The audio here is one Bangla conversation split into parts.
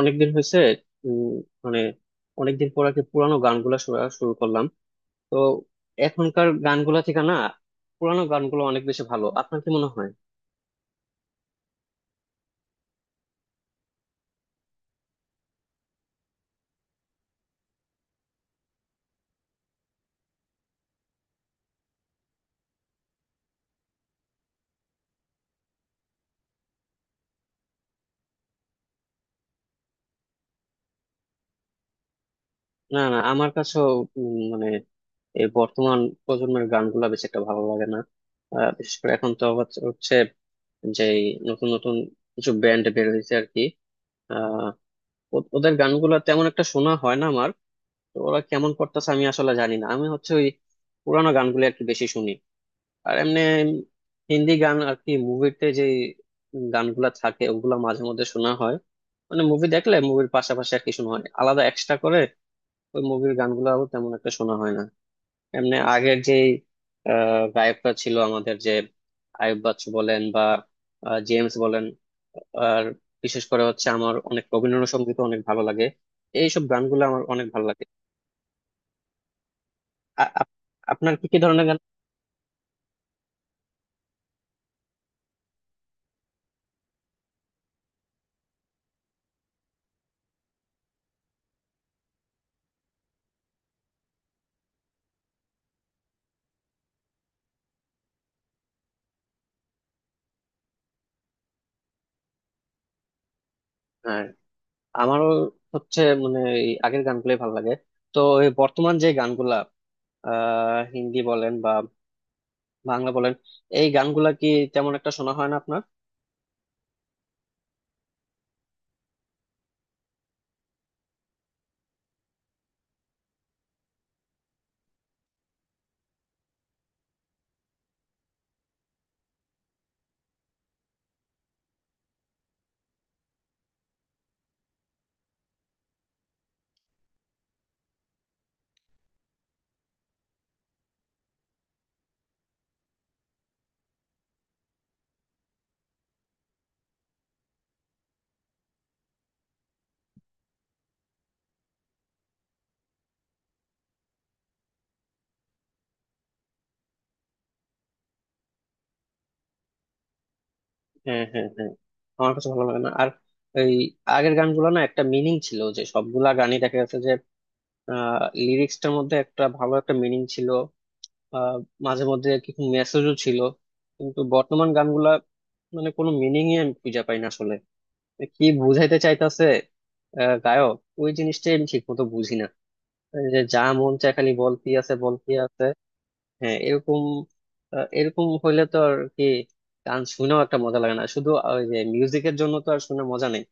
অনেকদিন হয়েছে। উম, মানে অনেকদিন পর আর কি পুরানো গানগুলা শোনা শুরু করলাম। তো এখনকার গানগুলা থেকে না, পুরানো গানগুলো অনেক বেশি ভালো, আপনার কি মনে হয়? না না, আমার কাছেও মানে এই বর্তমান প্রজন্মের গানগুলা বেশি একটা ভালো লাগে না। বিশেষ করে এখন তো হচ্ছে হচ্ছে যে এই নতুন নতুন কিছু ব্যান্ড বের হয়েছে আর কি। আহ ওদের গানগুলা তেমন একটা শোনা হয় না আমার। তো ওরা কেমন করতেছে আমি আসলে জানি না, আমি হচ্ছে ওই পুরানো গানগুলো আর কি বেশি শুনি। আর এমনি হিন্দি গান আর কি মুভিতে যে গানগুলা থাকে ওগুলা মাঝে মধ্যে শোনা হয়। মানে মুভি দেখলে মুভির পাশাপাশি আর কি শোনা হয় আলাদা এক্সট্রা করে। ওই মুভির গানগুলো তেমন একটা শোনা হয় না। এমনি আগের যে গায়করা ছিল আমাদের, যে আয়ুব বাচ্চু বলেন বা জেমস বলেন। আর বিশেষ করে হচ্ছে আমার অনেক রবীন্দ্রসঙ্গীত অনেক ভালো লাগে। এইসব গানগুলো আমার অনেক ভালো লাগে। আ- আপ- আপনার কি কি ধরনের গান? হ্যাঁ, আমারও হচ্ছে মানে এই আগের গানগুলোই ভালো লাগে। তো এই বর্তমান যে গানগুলা, হিন্দি বলেন বা বাংলা বলেন, এই গানগুলা কি তেমন একটা শোনা হয় না আপনার? হ্যাঁ হ্যাঁ হ্যাঁ, আমার কাছে ভালো লাগে না। আর এই আগের গানগুলো না একটা মিনিং ছিল, যে সবগুলা গানই দেখা গেছে যে লিরিক্সটার মধ্যে একটা ভালো একটা মিনিং ছিল। আহ মাঝে মধ্যে কিছু মেসেজও ছিল। কিন্তু বর্তমান গানগুলা মানে কোনো মিনিংই আমি খুঁজে পাই না আসলে। কি বুঝাইতে চাইতেছে গায়ক, ওই জিনিসটাই আমি ঠিক মতো বুঝি না। এই যে যা মন চায় খালি বলতি আছে বলতি আছে। হ্যাঁ এরকম, এরকম হইলে তো আর কি গান শুনেও একটা মজা লাগে না, শুধু ওই যে মিউজিকের জন্য তো আর শুনে মজা নেই।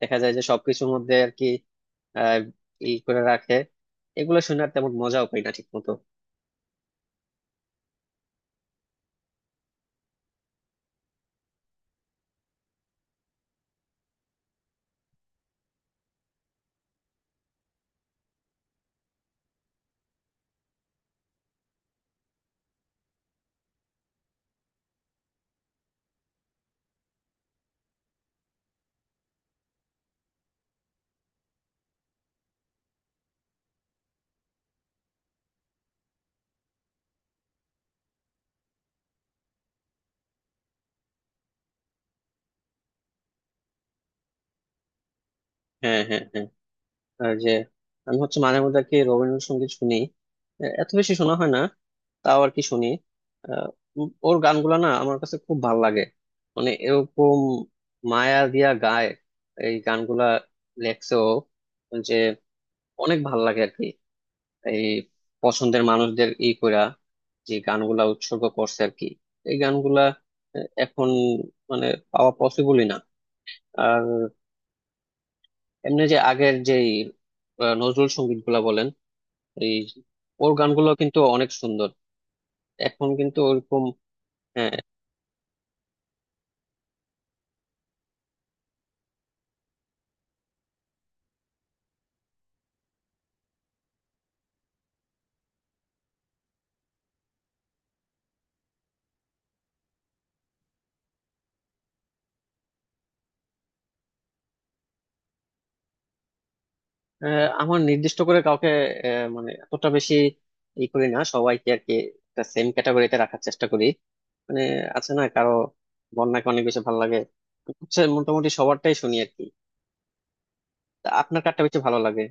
দেখা যায় যে সবকিছুর মধ্যে আর কি আহ ই করে রাখে, এগুলো শুনে আর তেমন মজাও পাই না ঠিক মতো। হ্যাঁ হ্যাঁ হ্যাঁ, আর যে আমি হচ্ছে মাঝে মধ্যে আর কি রবীন্দ্রসঙ্গীত শুনি, এত বেশি শোনা হয় না। তাও আর কি শুনি। আহ, ওর গানগুলা না আমার কাছে খুব ভাল লাগে। মানে এরকম মায়া দিয়া গায় এই গানগুলা, লেখছে ও, যে অনেক ভাল লাগে আর কি। এই পছন্দের মানুষদের ই কইরা যে গানগুলা উৎসর্গ করছে আর কি, এই গানগুলা এখন মানে পাওয়া পসিবলই না। আর এমনি যে আগের যেই নজরুল সঙ্গীত গুলা বলেন, এই ওর গানগুলো কিন্তু অনেক সুন্দর। এখন কিন্তু ওরকম আহ, আহ, আমার নির্দিষ্ট করে কাউকে মানে এতটা বেশি ই করি না, সবাইকে আর কি একটা সেম ক্যাটাগরিতে রাখার চেষ্টা করি। মানে আছে না কারো, বন্যাকে অনেক বেশি ভালো লাগে। হচ্ছে মোটামুটি সবারটাই শুনি আর কি। তা আপনার কারটা বেশি ভালো লাগে?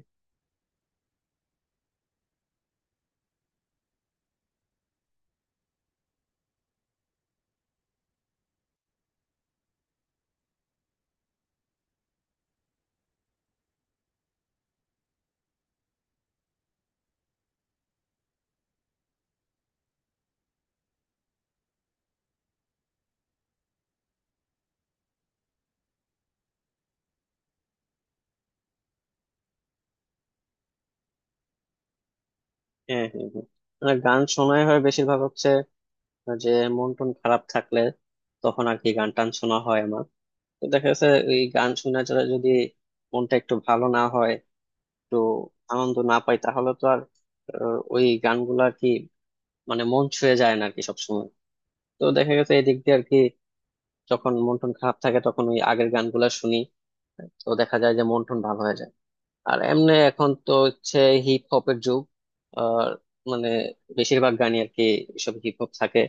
হ্যাঁ হ্যাঁ হ্যাঁ, মানে গান শোনাই হয় বেশিরভাগ হচ্ছে যে মন টন খারাপ থাকলে, তখন আর কি গান টান শোনা হয় আমার। তো দেখা যাচ্ছে এই গান শোনা ছাড়া যদি মনটা একটু ভালো না হয়, একটু আনন্দ না পাই, তাহলে তো আর ওই গানগুলো আর কি মানে মন ছুঁয়ে যায় না আর কি সবসময়। তো দেখা গেছে এই দিক দিয়ে আর কি, যখন মন টন খারাপ থাকে তখন ওই আগের গানগুলা শুনি, তো দেখা যায় যে মন টন ভালো হয়ে যায়। আর এমনি এখন তো হচ্ছে হিপ হপের যুগ। আর মানে বেশিরভাগ গানই আর কি সব হিপ হপ থাকে,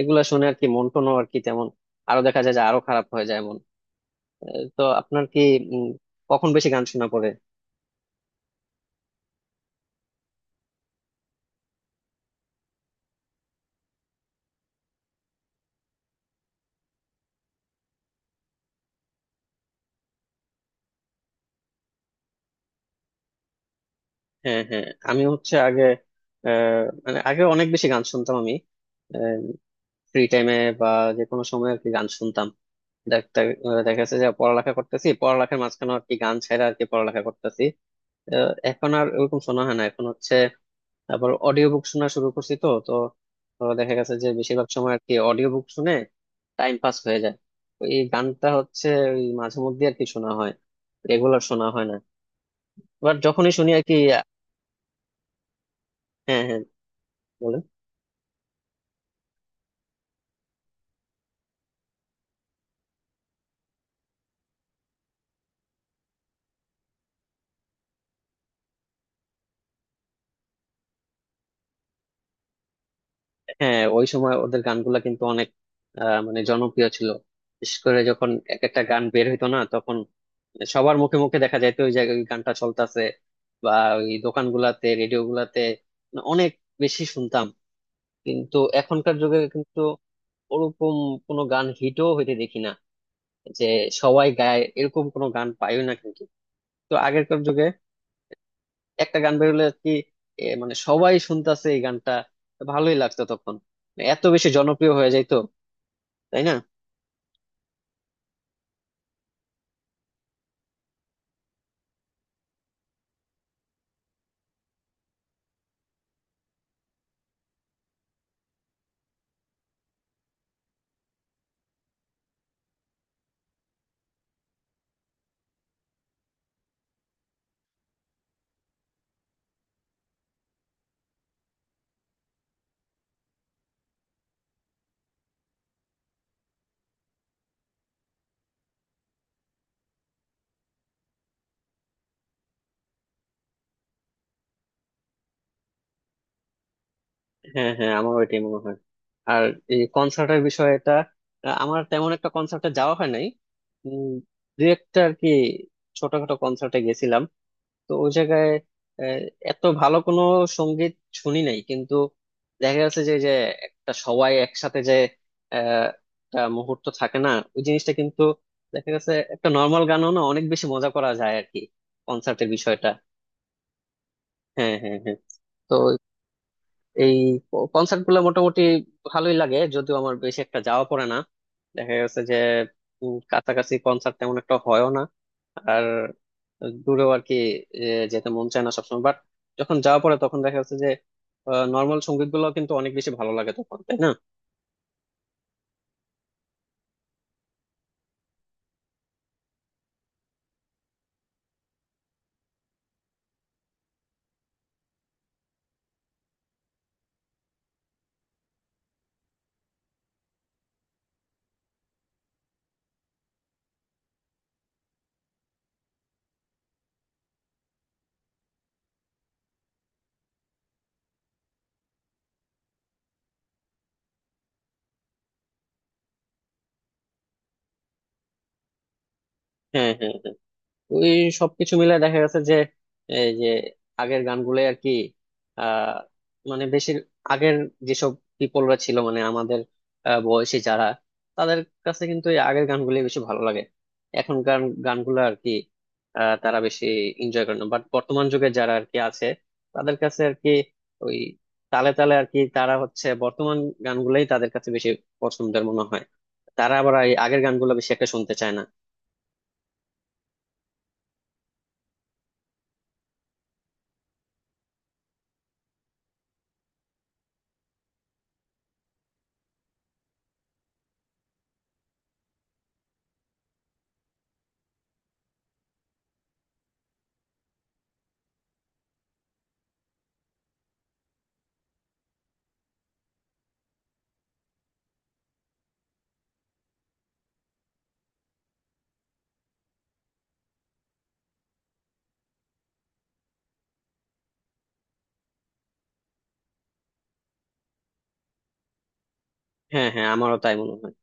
এগুলা শুনে আর কি মন টনও আর কি তেমন, আরো দেখা যায় যে আরো খারাপ হয়ে যায় মন। তো আপনার কি উম, কখন বেশি গান শোনা পড়ে? হ্যাঁ হ্যাঁ, আমি হচ্ছে আগে আহ, মানে আগে অনেক বেশি গান শুনতাম আমি, ফ্রি টাইমে বা যে কোনো সময় আর কি গান শুনতাম। দেখতে দেখা যাচ্ছে যে পড়ালেখা করতেছি, পড়ালেখার মাঝখানে আর কি গান ছাড়া আর কি পড়ালেখা করতেছি। এখন আর ওরকম শোনা হয় না, এখন হচ্ছে আবার অডিও বুক শোনা শুরু করছি। তো তো তো দেখা গেছে যে বেশিরভাগ সময় আর কি অডিও বুক শুনে টাইম পাস হয়ে যায়। তো এই গানটা হচ্ছে ওই মাঝে মধ্যে আর কি শোনা হয়, রেগুলার শোনা হয় না। বাট যখনই শুনি আর কি, হ্যাঁ হ্যাঁ, বলেন। হ্যাঁ, ওই সময় ওদের গানগুলা কিন্তু অনেক মানে জনপ্রিয় ছিল। বিশেষ করে যখন এক একটা গান বের হইতো না, তখন সবার মুখে মুখে দেখা যাইতো ওই জায়গায় ওই গানটা চলতেছে, বা ওই দোকানগুলাতে রেডিও গুলাতে মানে অনেক বেশি শুনতাম। কিন্তু এখনকার যুগে কিন্তু ওরকম কোনো গান হিটও হইতে দেখি না, যে সবাই গায় এরকম কোনো গান পাইও না কিন্তু। তো আগেরকার যুগে একটা গান বেরোলে আর কি, মানে সবাই শুনতাছে এই গানটা, ভালোই লাগতো তখন। এত বেশি জনপ্রিয় হয়ে যাইতো, তাই না? হ্যাঁ হ্যাঁ, আমার ওইটাই মনে হয়। আর এই কনসার্টের বিষয়টা, আমার তেমন একটা কনসার্টে যাওয়া হয় নাই। উম, দু একটা আর কি ছোটখাটো কনসার্টে গেছিলাম। তো ওই জায়গায় আহ, এত ভালো কোনো সঙ্গীত শুনি নাই, কিন্তু দেখা যাচ্ছে যে যে একটা সবাই একসাথে যে আহ, একটা মুহূর্ত থাকে না ওই জিনিসটা, কিন্তু দেখা গেছে একটা নর্মাল গানও না, অনেক বেশি মজা করা যায় আর কি কনসার্টের বিষয়টা। হ্যাঁ হ্যাঁ হ্যাঁ, তো এই কনসার্ট গুলো মোটামুটি ভালোই লাগে, যদিও আমার বেশি একটা যাওয়া পড়ে না। দেখা গেছে যে কাছাকাছি কনসার্ট তেমন একটা হয়ও না। আর দূরেও আর কি এ, যেতে মন চায় না সবসময়। বাট যখন যাওয়া পড়ে, তখন দেখা যাচ্ছে যে নর্মাল সঙ্গীত গুলো কিন্তু অনেক বেশি ভালো লাগে তখন, তাই না? হ্যাঁ হ্যাঁ, ওই সবকিছু মিলে দেখা গেছে যে এই যে আগের গানগুলো আর কি, আহ মানে বেশি আগের যেসব পিপলরা ছিল, মানে আমাদের বয়সী যারা, তাদের কাছে কিন্তু এই আগের গানগুলি বেশি ভালো লাগে। এখনকার গানগুলো আর কি তারা বেশি এনজয় করে না। বাট বর্তমান যুগে যারা আর কি আছে, তাদের কাছে আর কি ওই তালে তালে আর কি তারা হচ্ছে বর্তমান গানগুলোই তাদের কাছে বেশি পছন্দের মনে হয়। তারা আবার এই আগের গানগুলো বেশি একটা শুনতে চায় না। হ্যাঁ হ্যাঁ, আমারও তাই মনে হয়।